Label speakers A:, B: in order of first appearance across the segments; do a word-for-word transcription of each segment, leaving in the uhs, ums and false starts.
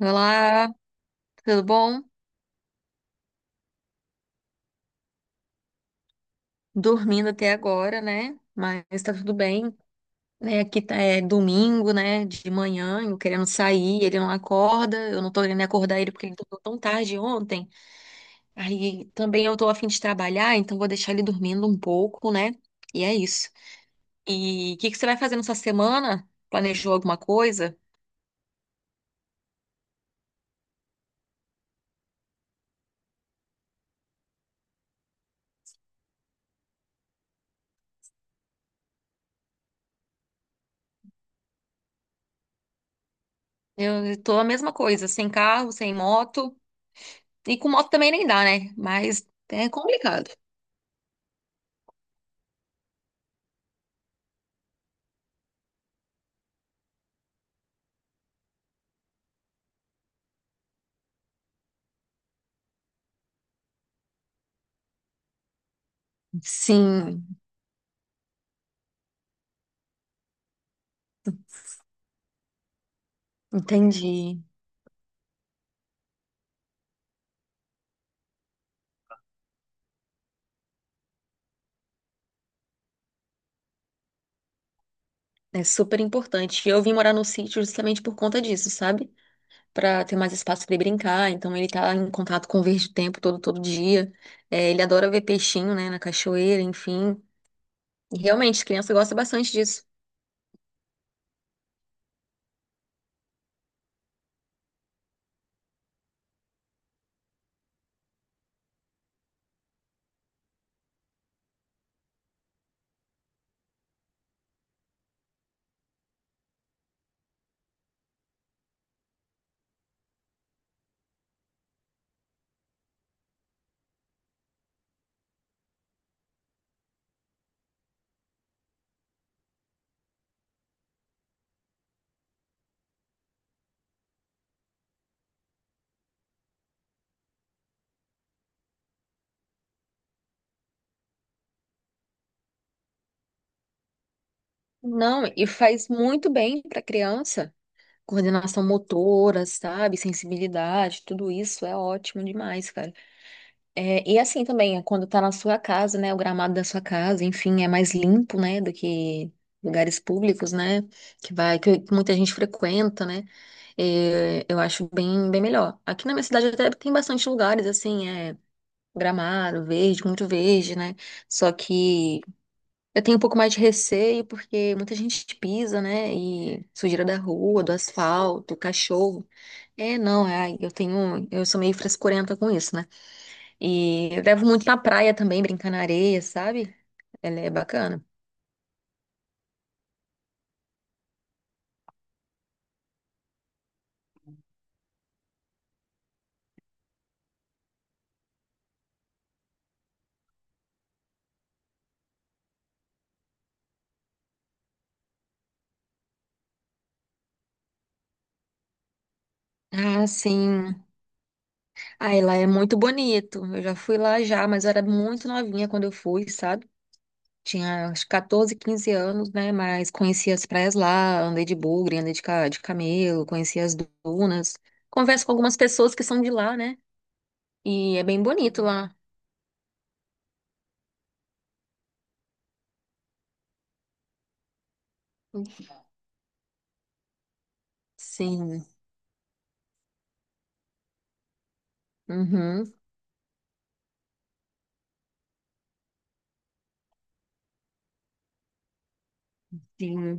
A: Olá, tudo bom? Dormindo até agora, né? Mas tá tudo bem, né? Aqui tá, é domingo, né? De manhã, eu querendo sair, ele não acorda, eu não tô querendo acordar ele porque ele dormiu tão tarde ontem. Aí também eu tô a fim de trabalhar, então vou deixar ele dormindo um pouco, né? E é isso. E o que que você vai fazer nessa semana? Planejou alguma coisa? Eu tô a mesma coisa, sem carro, sem moto. E com moto também nem dá, né? Mas é complicado. Sim, entendi. É super importante. Eu vim morar no sítio justamente por conta disso, sabe? Pra ter mais espaço pra ele brincar. Então ele tá em contato com o verde o tempo todo, todo dia. É, ele adora ver peixinho, né, na cachoeira, enfim. E realmente, criança gosta bastante disso. Não, e faz muito bem pra criança. Coordenação motora, sabe? Sensibilidade, tudo isso é ótimo demais, cara. É, e assim também, é quando tá na sua casa, né? O gramado da sua casa, enfim, é mais limpo, né? Do que lugares públicos, né? Que vai, que muita gente frequenta, né? é, eu acho bem, bem melhor. Aqui na minha cidade até tem bastante lugares, assim, é gramado, verde, muito verde, né? Só que eu tenho um pouco mais de receio porque muita gente pisa, né? E sujeira da rua, do asfalto, cachorro. É, não, é, eu tenho, eu sou meio frescurenta com isso, né? E eu levo muito na praia também, brincar na areia, sabe? Ela é bacana. Ah, sim. Ah, e lá é muito bonito. Eu já fui lá já, mas eu era muito novinha quando eu fui, sabe? Tinha acho, catorze, quinze anos, né? Mas conheci as praias lá, andei de bugre, andei de, ca- de camelo, conheci as dunas. Converso com algumas pessoas que são de lá, né? E é bem bonito lá. Sim. Uhum. Sim.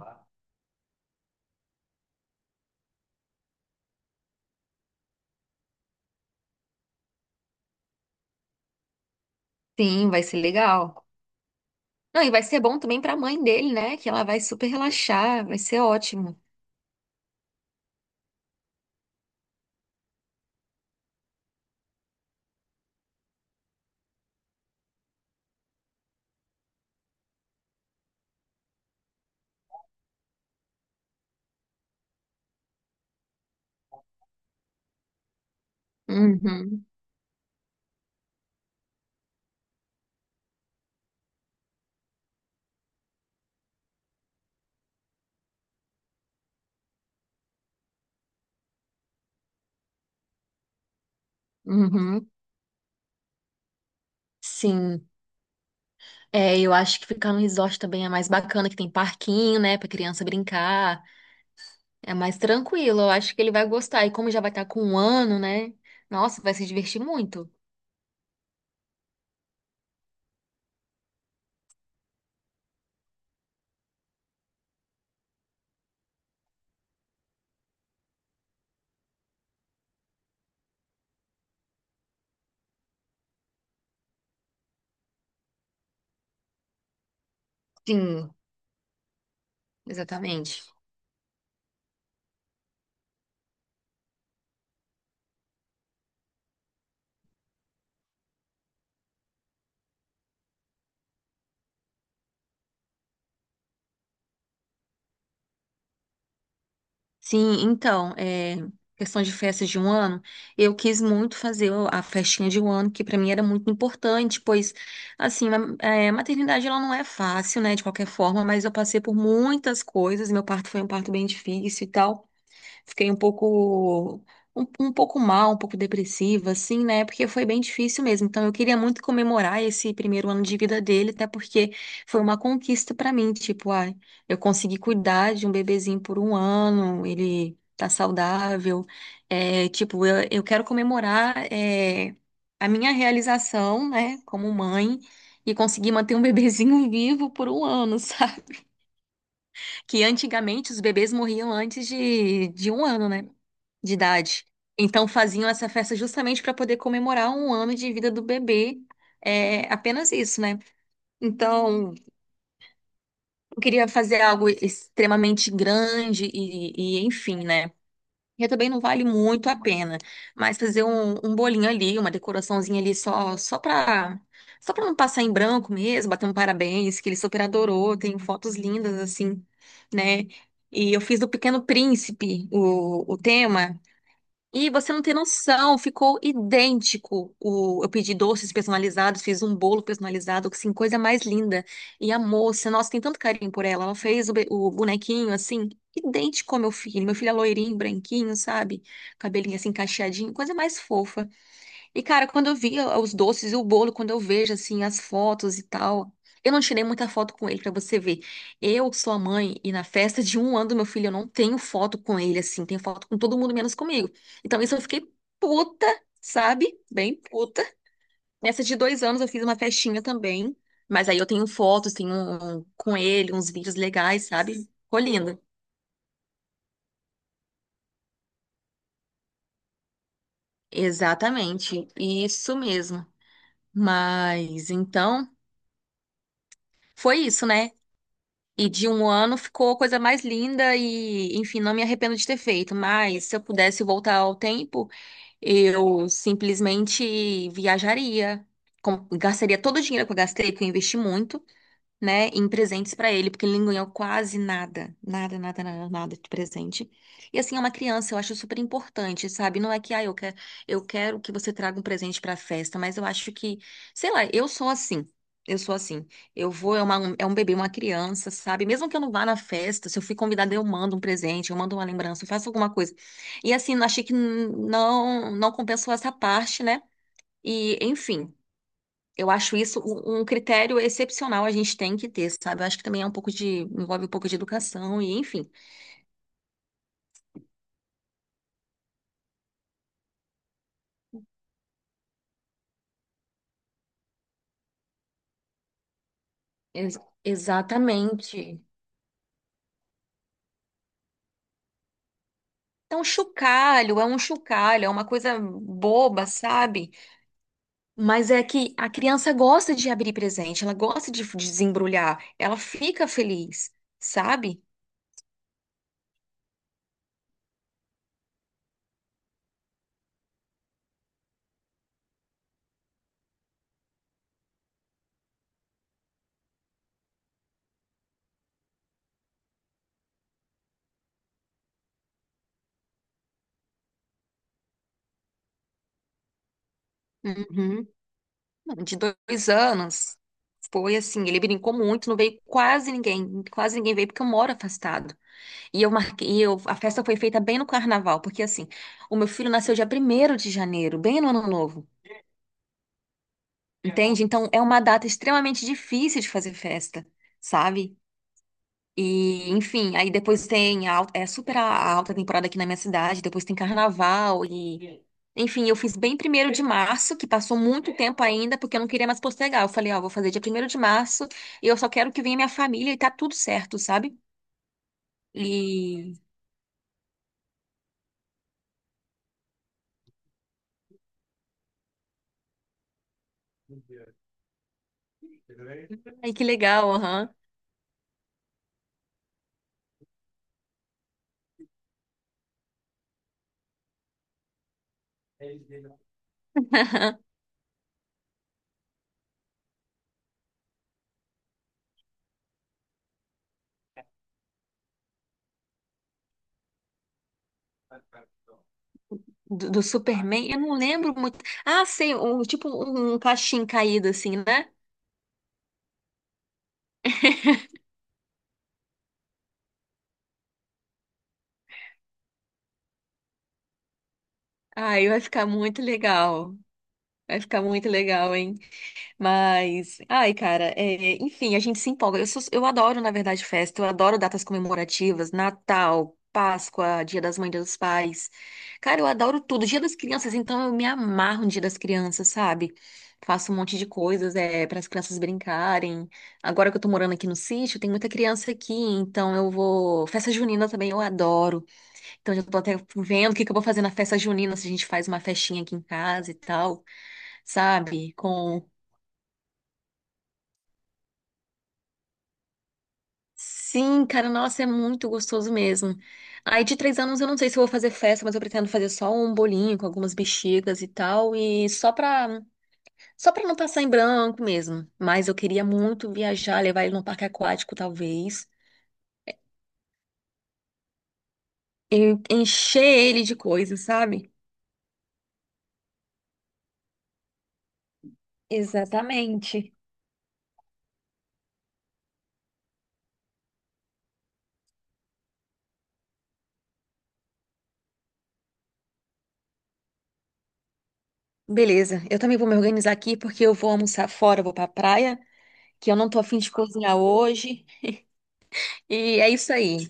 A: Sim, vai ser legal. Não, e vai ser bom também pra mãe dele, né? Que ela vai super relaxar, vai ser ótimo. Uhum, uhum, sim. É, eu acho que ficar no resort também é mais bacana, que tem parquinho, né, pra criança brincar. É mais tranquilo, eu acho que ele vai gostar. E como já vai estar com um ano, né? Nossa, vai se divertir muito. Sim, exatamente. Sim, então, é, questão de festas de um ano, eu quis muito fazer a festinha de um ano, que para mim era muito importante, pois, assim, ma- é, maternidade ela não é fácil, né, de qualquer forma, mas eu passei por muitas coisas, meu parto foi um parto bem difícil e tal. Fiquei um pouco, um, um pouco mal, um pouco depressiva, assim, né? Porque foi bem difícil mesmo. Então, eu queria muito comemorar esse primeiro ano de vida dele, até porque foi uma conquista pra mim. Tipo, ai, eu consegui cuidar de um bebezinho por um ano, ele tá saudável. É, tipo, eu, eu quero comemorar, é, a minha realização, né, como mãe. E conseguir manter um bebezinho vivo por um ano, sabe? Que antigamente os bebês morriam antes de, de um ano, né? De idade. Então faziam essa festa justamente para poder comemorar um ano de vida do bebê. É apenas isso, né? Então, eu queria fazer algo extremamente grande e, e enfim, né? E também não vale muito a pena, mas fazer um, um bolinho ali, uma decoraçãozinha ali só só para só para não passar em branco mesmo, bater um parabéns, que ele super adorou, tem fotos lindas assim, né? E eu fiz do Pequeno Príncipe o, o tema, e você não tem noção, ficou idêntico. O, eu pedi doces personalizados, fiz um bolo personalizado, assim, coisa mais linda. E a moça, nossa, tem tanto carinho por ela. Ela fez o, be- o bonequinho, assim, idêntico ao meu filho. Meu filho é loirinho, branquinho, sabe? Cabelinho assim, cacheadinho, coisa mais fofa. E, cara, quando eu vi os doces e o bolo, quando eu vejo, assim, as fotos e tal, eu não tirei muita foto com ele pra você ver. Eu sou a mãe e na festa de um ano do meu filho eu não tenho foto com ele, assim, tenho foto com todo mundo menos comigo. Então, isso eu fiquei puta, sabe? Bem puta. Nessa de dois anos eu fiz uma festinha também, mas aí eu tenho fotos, tenho um- com ele, uns vídeos legais, sabe? Ficou lindo. Exatamente, isso mesmo. Mas então, foi isso, né? E de um ano ficou a coisa mais linda e, enfim, não me arrependo de ter feito. Mas se eu pudesse voltar ao tempo, eu simplesmente viajaria, com- gastaria todo o dinheiro que eu gastei, porque eu investi muito, né, em presentes pra ele, porque ele não ganhou quase nada, nada, nada, nada, nada de presente. E assim, é uma criança, eu acho super importante, sabe? Não é que, ah, eu quero, eu quero que você traga um presente pra festa, mas eu acho que, sei lá, eu sou assim. Eu sou assim. Eu vou, é, uma, é um bebê, uma criança, sabe? Mesmo que eu não vá na festa, se eu fui convidada, eu mando um presente, eu mando uma lembrança, eu faço alguma coisa. E assim, achei que não, não compensou essa parte, né? E, enfim. Eu acho isso um um critério excepcional a gente tem que ter, sabe? Eu acho que também é um pouco de, envolve um pouco de educação e enfim. Ex- Exatamente. Então, chocalho é um chocalho, é uma coisa boba, sabe? Mas é que a criança gosta de abrir presente, ela gosta de de desembrulhar, ela fica feliz, sabe? Uhum. Não, De dois anos. Foi assim, ele brincou muito, não veio quase ninguém, quase ninguém veio porque eu moro afastado. E eu marquei, e eu, a festa foi feita bem no carnaval, porque assim, o meu filho nasceu dia primeiro de janeiro, bem no ano novo, entende? Então é uma data extremamente difícil de fazer festa, sabe? E, enfim, aí depois tem a, al- é super a, a alta temporada aqui na minha cidade, depois tem carnaval e enfim, eu fiz bem primeiro de março, que passou muito tempo ainda, porque eu não queria mais postergar. Eu falei, ó, vou fazer dia primeiro de março, e eu só quero que venha minha família e tá tudo certo, sabe? E ai, que legal, aham. do, do Superman, eu não lembro muito. Ah, sei, um, tipo um, um cachim caído assim, né? Ai, vai ficar muito legal. Vai ficar muito legal, hein? Mas, ai, cara, é, enfim, a gente se empolga. Eu, sou- eu adoro, na verdade, festa, eu adoro datas comemorativas, Natal, Páscoa, Dia das Mães, Dia dos Pais. Cara, eu adoro tudo. Dia das Crianças, então eu me amarro no Dia das Crianças, sabe? Faço um monte de coisas, é, para as crianças brincarem. Agora que eu tô morando aqui no sítio, tem muita criança aqui, então eu vou. Festa junina também eu adoro. Então já tô até vendo o que que eu vou fazer na festa junina, se a gente faz uma festinha aqui em casa e tal, sabe? Com. Sim, cara, nossa, é muito gostoso mesmo. Aí de três anos eu não sei se eu vou fazer festa, mas eu pretendo fazer só um bolinho com algumas bexigas e tal, e só pra, só pra não passar em branco mesmo. Mas eu queria muito viajar, levar ele num parque aquático, talvez. Encher ele de coisas, sabe? Exatamente. Beleza, eu também vou me organizar aqui porque eu vou almoçar fora, eu vou pra praia, que eu não tô afim de cozinhar hoje. E é isso aí.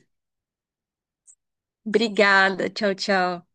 A: Obrigada, tchau, tchau.